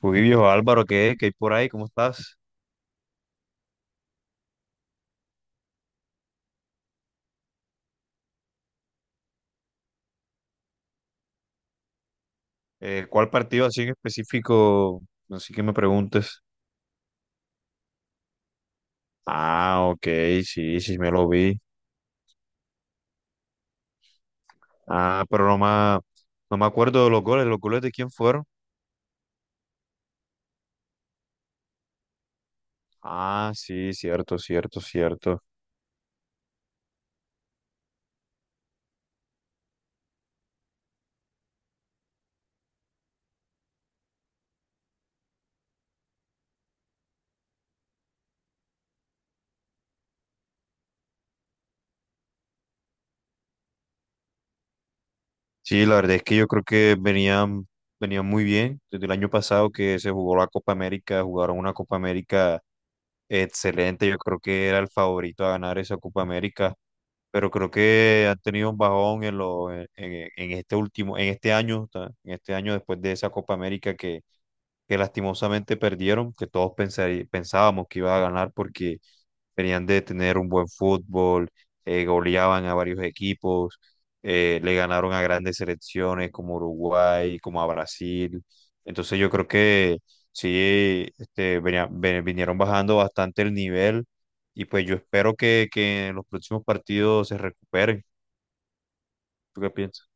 Uy, viejo Álvaro, ¿qué hay por ahí? ¿Cómo estás? ¿cuál partido así en específico? No sé que me preguntes. Ah, ok, sí, sí, me lo vi. Ah, pero no me acuerdo de los goles. ¿Los goles de quién fueron? Ah, sí, cierto, cierto, cierto. Sí, la verdad es que yo creo que venían muy bien. Desde el año pasado que se jugó la Copa América, jugaron una Copa América excelente. Yo creo que era el favorito a ganar esa Copa América, pero creo que han tenido un bajón en este último, en este en este año después de esa Copa América que lastimosamente perdieron, que todos pensábamos que iba a ganar porque venían de tener un buen fútbol. Goleaban a varios equipos, le ganaron a grandes selecciones como Uruguay, como a Brasil. Entonces yo creo que sí, este, vinieron bajando bastante el nivel y pues yo espero que en los próximos partidos se recuperen. ¿Tú qué piensas?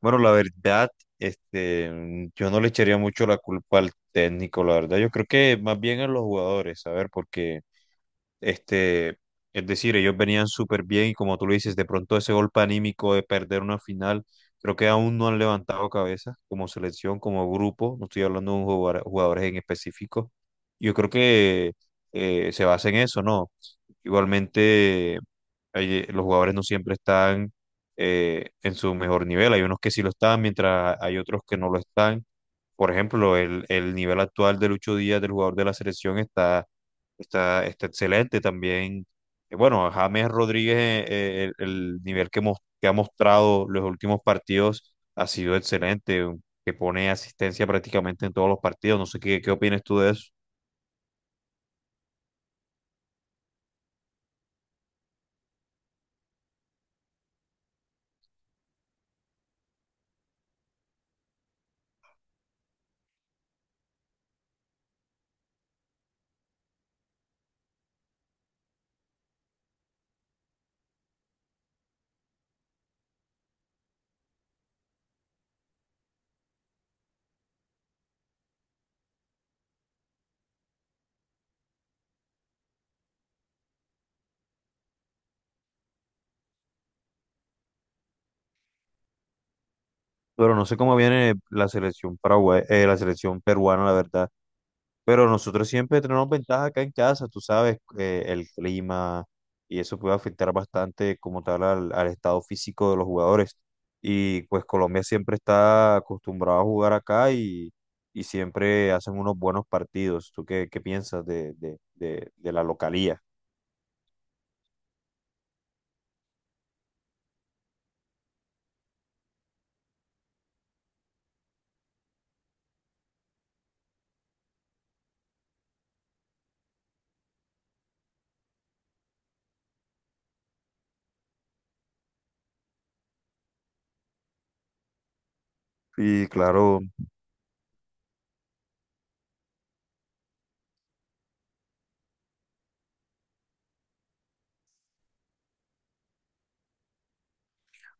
Bueno, la verdad, yo no le echaría mucho la culpa al técnico, la verdad. Yo creo que más bien a los jugadores, a ver, porque este, es decir, ellos venían súper bien y, como tú lo dices, de pronto ese golpe anímico de perder una final, creo que aún no han levantado cabeza como selección, como grupo. No estoy hablando de un jugadores en específico. Yo creo que se basa en eso, ¿no? Igualmente, los jugadores no siempre están, en su mejor nivel; hay unos que sí lo están, mientras hay otros que no lo están. Por ejemplo, el nivel actual de Lucho Díaz, del jugador de la selección, está excelente también. Eh, bueno, James Rodríguez, el nivel que ha mostrado los últimos partidos ha sido excelente, que pone asistencia prácticamente en todos los partidos. No sé qué opinas tú de eso, pero no sé cómo viene la selección paraguay, la selección peruana, la verdad. Pero nosotros siempre tenemos ventaja acá en casa, tú sabes, el clima y eso puede afectar bastante como tal al estado físico de los jugadores. Y pues Colombia siempre está acostumbrado a jugar acá y siempre hacen unos buenos partidos. ¿Tú qué piensas de la localía? Y claro.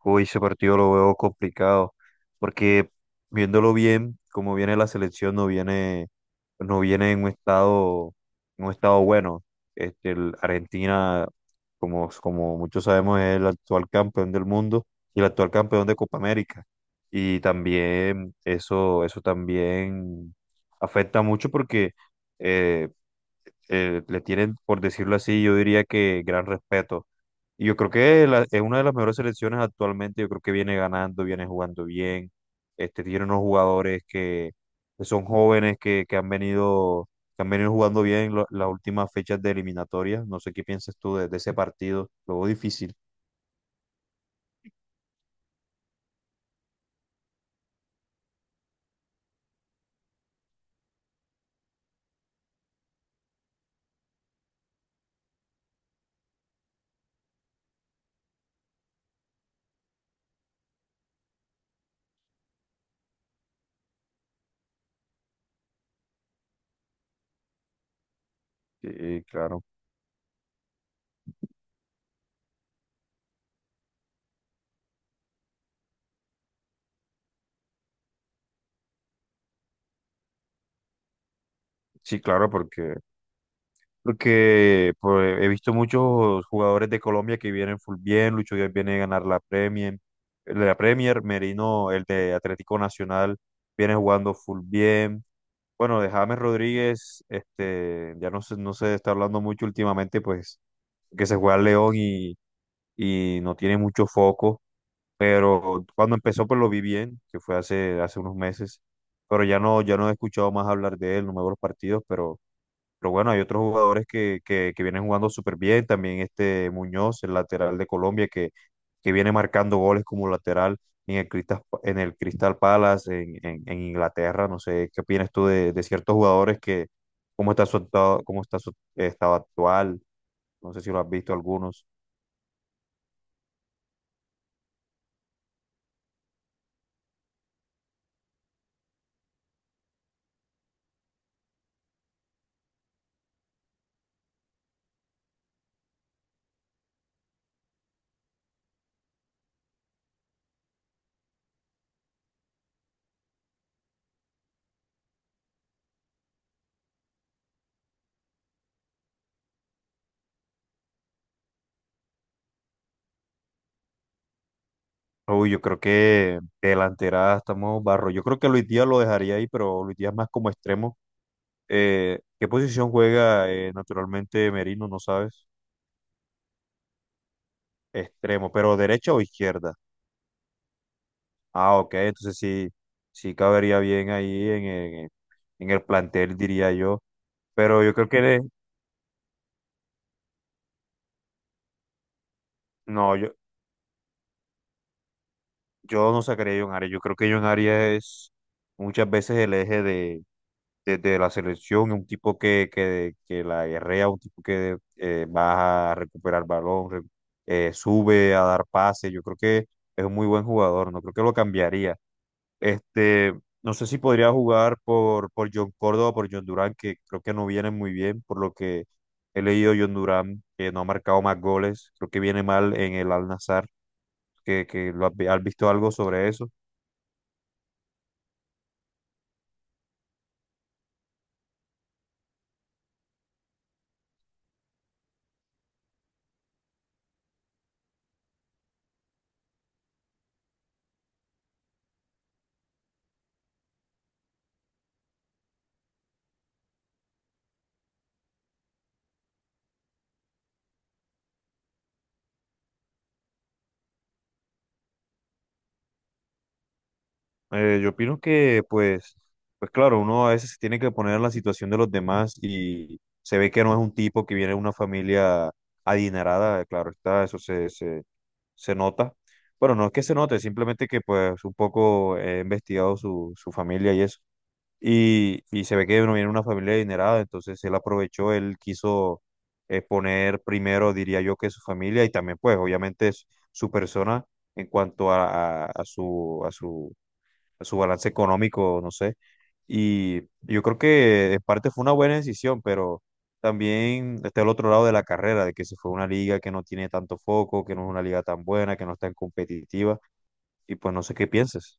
Uy, ese partido lo veo complicado, porque viéndolo bien, como viene la selección, no viene en un en un estado bueno. Este, Argentina, como, como muchos sabemos, es el actual campeón del mundo y el actual campeón de Copa América. Y también eso también afecta mucho porque eh, le tienen, por decirlo así, yo diría que gran respeto. Y yo creo que es una de las mejores selecciones actualmente. Yo creo que viene ganando, viene jugando bien, este, tiene unos jugadores que son jóvenes, que han que han venido jugando bien las últimas fechas de eliminatorias. No sé qué piensas tú de ese partido, luego difícil. Sí, claro. Sí, claro, porque, porque pues, he visto muchos jugadores de Colombia que vienen full bien. Lucho Díaz viene a ganar la Premier, la Premier. Merino, el de Atlético Nacional, viene jugando full bien. Bueno, de James Rodríguez, este, no se está hablando mucho últimamente, pues, que se juega al León y no tiene mucho foco, pero cuando empezó pues lo vi bien, que fue hace unos meses, pero ya no he escuchado más hablar de él, no me veo los partidos, pero bueno, hay otros jugadores que vienen jugando súper bien. También este Muñoz, el lateral de Colombia, que viene marcando goles como lateral en el Crystal Palace, en Inglaterra. No sé, ¿qué opinas tú de ciertos jugadores que, cómo está cómo está su estado actual? No sé si lo has visto algunos. Uy, yo creo que de delantera estamos barro. Yo creo que Luis Díaz lo dejaría ahí, pero Luis Díaz más como extremo. ¿Qué posición juega naturalmente Merino? ¿No sabes? Extremo, pero ¿derecha o izquierda? Ah, ok, entonces sí, sí cabería bien ahí en el plantel, diría yo. Pero yo creo que le- no, yo no sacaría a John Arias. Yo creo que John Arias es muchas veces el eje de la selección, un tipo que la guerrea, un tipo que va a recuperar balón, sube a dar pase. Yo creo que es un muy buen jugador. No creo que lo cambiaría. Este, no sé si podría jugar por John Córdoba, por John Durán, que creo que no vienen muy bien, por lo que he leído. John Durán, que no ha marcado más goles, creo que viene mal en el Al-Nassr. Que lo has, has visto algo sobre eso. Yo opino que pues claro, uno a veces se tiene que poner en la situación de los demás, y se ve que no es un tipo que viene de una familia adinerada. Eh, claro está, eso se nota. Bueno, no es que se note, simplemente que pues un poco he investigado su familia y eso. Y se ve que uno viene de una familia adinerada, entonces él aprovechó, él quiso, poner primero, diría yo, que su familia y también, pues, obviamente, su persona en cuanto a su balance económico, no sé. Y yo creo que en parte fue una buena decisión, pero también está el otro lado de la carrera, de que se fue a una liga que no tiene tanto foco, que no es una liga tan buena, que no es tan competitiva, y pues no sé qué pienses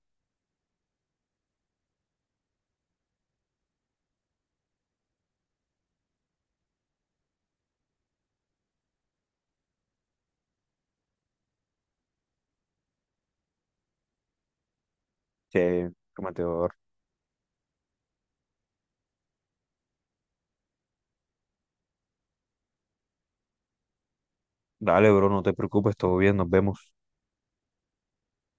que, Dale, bro, no te preocupes, todo bien, nos vemos.